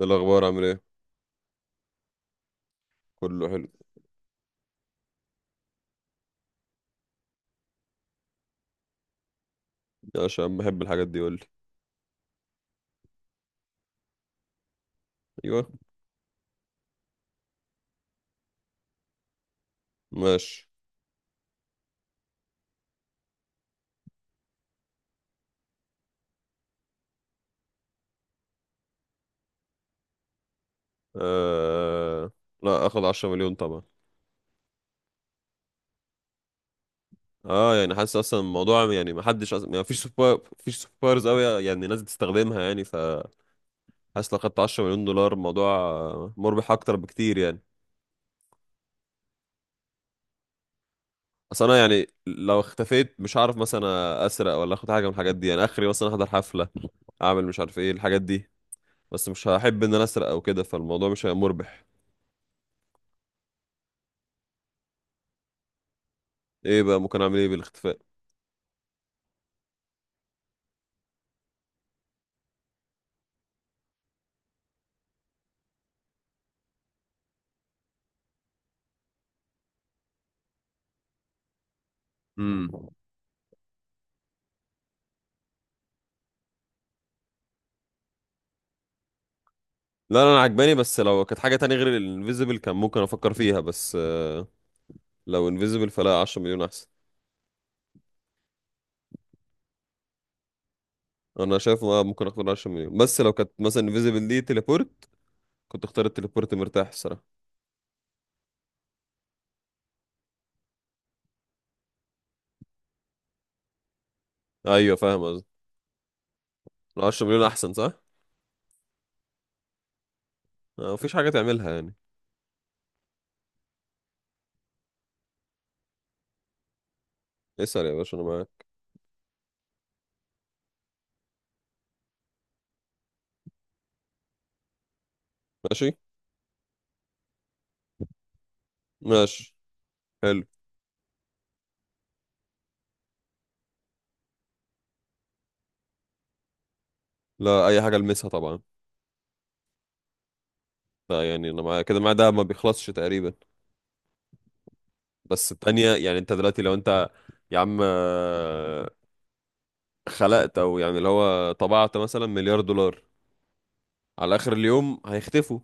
إيه الأخبار عامل ايه؟ كله حلو. عشان بحب الحاجات دي قولي. أيوه. ماشي. آه... لا، أخد عشرة مليون طبعا. اه يعني حاسس اصلا الموضوع، يعني ما حدش أصلا يعني مفيش سوبر، مفيش سوبرز قوي يعني الناس بتستخدمها يعني، فحاسس لو خدت 10 مليون دولار الموضوع مربح اكتر بكتير يعني. اصل انا يعني لو اختفيت مش هعرف مثلا اسرق ولا اخد حاجه من الحاجات دي، يعني اخري مثلا احضر حفله، اعمل مش عارف ايه الحاجات دي. بس مش هحب ان انا اسرق او كده، فالموضوع مش هيبقى مربح. ايه بقى ممكن اعمل ايه بالاختفاء؟ امم. لا لا انا عجباني، بس لو كانت حاجة تانية غير الانفيزبل كان ممكن افكر فيها، بس لو انفيزبل فلا، 10 مليون احسن. انا شايف ممكن اختار 10 مليون، بس لو كانت مثلا انفيزبل دي تليبورت كنت اختار التليبورت مرتاح الصراحة. ايوه فاهم قصدي. 10 مليون احسن صح. مفيش حاجة تعملها يعني. اسأل يا باشا انا معاك. ماشي. ماشي. حلو. لا اي حاجة المسها طبعا. لا يعني انا معايا كده، معايا ده ما بيخلصش تقريبا، بس التانية يعني انت دلوقتي لو انت، يا عم خلقت او يعني اللي هو طبعت مثلا مليار دولار، على اخر اليوم هيختفوا.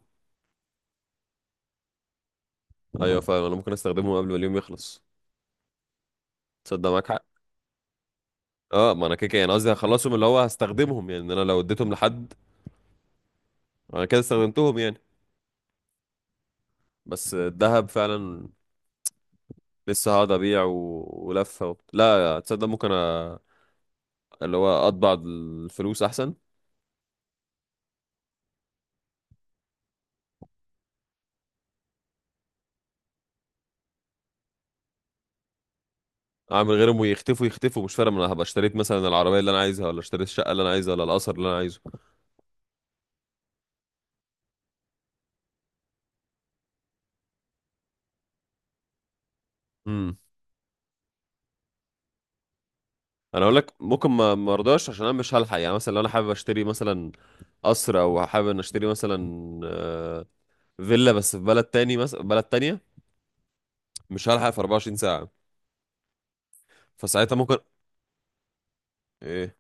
ايوه فاهم، انا ممكن استخدمهم قبل ما اليوم يخلص. تصدق معاك حق. اه ما انا كده كده يعني قصدي هخلصهم، اللي هو هستخدمهم يعني، إن انا لو اديتهم لحد انا كده استخدمتهم يعني. بس الذهب فعلا لسه هقعد ابيع و... ولفه و... لا تصدق، اللي هو اطبع الفلوس احسن. اعمل غيرهم ويختفوا، يختفوا مش فارق، ما انا هبقى اشتريت مثلا العربيه اللي انا عايزها، ولا اشتريت الشقه اللي انا عايزها، ولا القصر اللي انا عايزه. انا اقول لك ممكن ما مرضاش، عشان انا مش هلحق يعني، مثلا لو انا حابب اشتري مثلا قصر، او حابب ان اشتري مثلا آه، فيلا بس في بلد تاني، مثلا بلد تانية، مش هلحق في 24 ساعة. فساعتها ممكن. ايه؟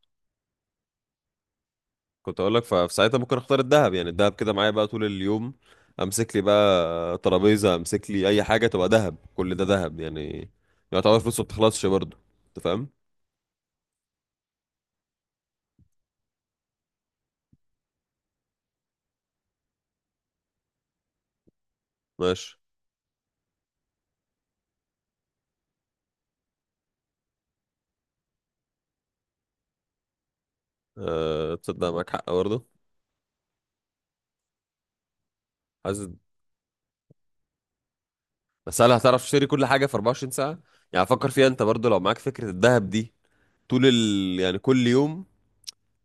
كنت اقول لك فساعتها ممكن اختار الذهب، يعني الذهب كده معايا بقى طول اليوم. امسك لي بقى ترابيزة، امسك لي اي حاجة تبقى ذهب، كل ده ذهب يعني، يعتبر فلوسه ما بتخلصش برضه. انت فاهم. ماشي. أه تصدق معاك حق برضه. حاسس. بس هل هتعرف تشتري كل حاجة في 24 ساعة؟ يعني فكر فيها انت برضو، لو معاك فكرة الذهب دي يعني كل يوم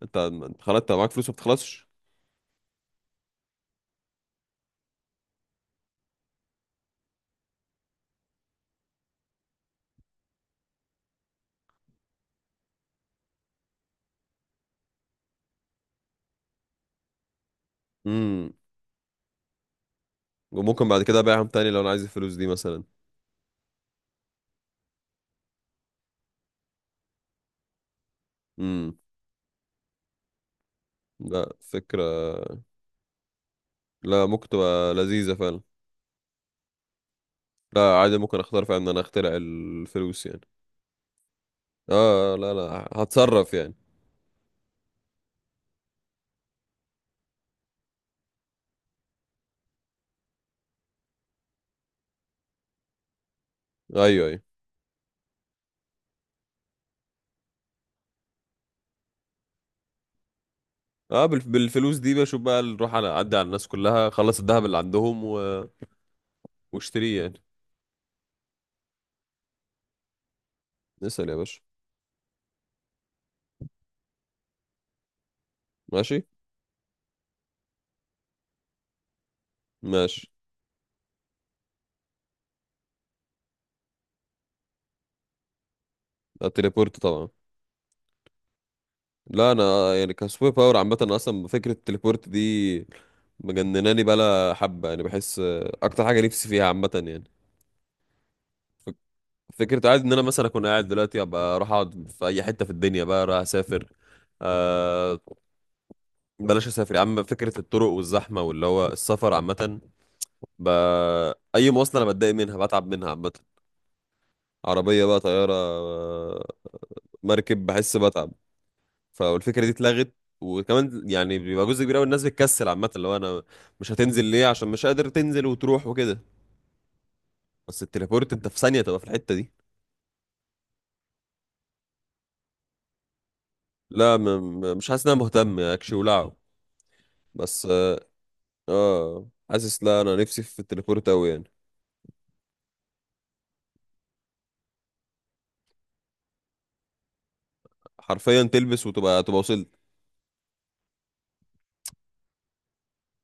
انت، انت خلاص انت معاك فلوس ما بتخلصش. امم. وممكن بعد كده ابيعهم تاني لو انا عايز الفلوس دي مثلا. امم. لا فكرة. لا ممكن تبقى لذيذة فعلا. لا عادي ممكن اختار فعلا ان انا اخترع الفلوس يعني. اه لا لا، هتصرف يعني. ايوه ايوه. بالفلوس دي بشوف بقى نروح على اعدي على الناس كلها، خلص الذهب اللي عندهم واشتريه يعني. اسأل يا باشا. ماشي. ماشي. التليبورت طبعا. لا انا يعني كسوبر باور عامه، أنا اصلا فكره التليبورت دي مجنناني بقى حبه يعني، بحس اكتر حاجه نفسي فيها عامه يعني. فكره عادي ان انا مثلا اكون قاعد دلوقتي، ابقى اروح اقعد في اي حته في الدنيا، بقى رايح اسافر. آه، بلاش اسافر يا عم، فكره الطرق والزحمه واللي هو السفر عامه. ب... اي مواصله انا بتضايق منها، بتعب منها عامه. عربيه، بقى طياره، مركب، بحس بتعب. فالفكره دي اتلغت. وكمان يعني بيبقى جزء كبير قوي الناس بتكسل عامه، اللي هو انا مش هتنزل ليه، عشان مش قادر تنزل وتروح وكده. بس التليبورت انت في ثانيه تبقى في الحته دي. لا م م مش حاسس ان انا مهتم اكشي ولعه. بس اه، حاسس. لا انا نفسي في التليبورت قوي يعني. حرفيا تلبس وتبقى، تبقى وصلت.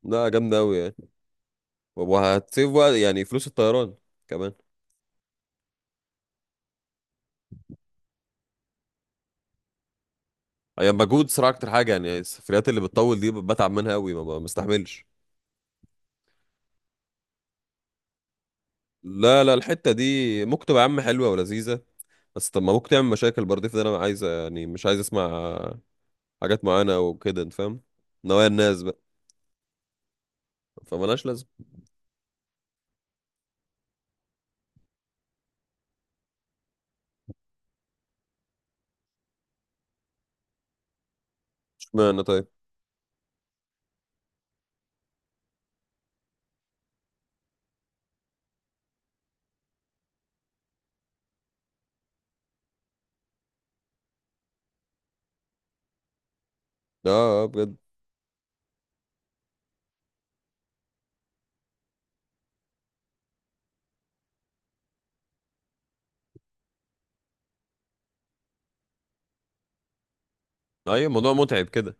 لا جامده قوي يعني. وهتسيف وقت، يعني فلوس الطيران كمان. هي مجهود صراحه اكتر حاجه يعني، السفريات اللي بتطول دي بتعب منها قوي، ما بستحملش. لا لا، الحته دي ممكن تبقى يا عم حلوه ولذيذه، بس طب ما ممكن تعمل مشاكل برضه. في ده انا عايز يعني، مش عايز اسمع حاجات معينة وكده انت فاهم، نوايا الناس بقى، فمالهاش لازمة. اشمعنى طيب. اه. اه بجد. ايوه الموضوع متعب كده.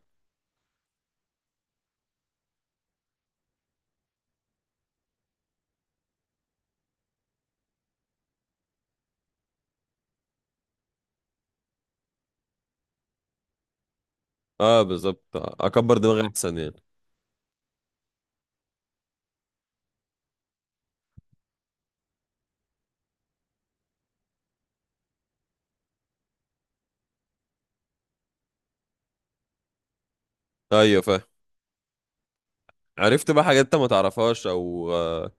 اه بالظبط اكبر دماغي احسن يعني. ايوه فاهم. عرفت بقى حاجات انت ما تعرفهاش، او آه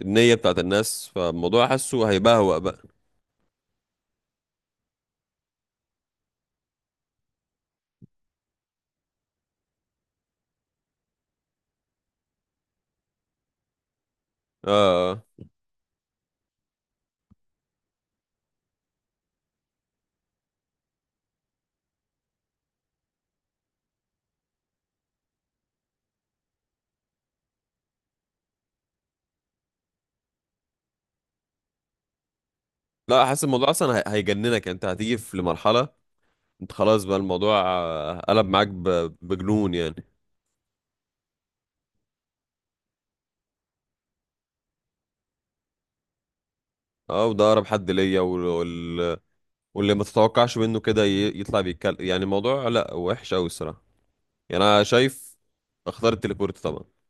النية بتاعت الناس، فالموضوع حاسه هيبهوأ بقى. اه آه. لا حاسس الموضوع اصلا هيجننك يعني، انت هتيجي في لمرحلة انت خلاص بقى الموضوع قلب معاك بجنون يعني. اه وده اقرب حد ليا، واللي ما تتوقعش منه كده يطلع بيتكلم. يعني الموضوع لا وحش قوي الصراحه، يعني انا شايف اختار التليبورت طبعا.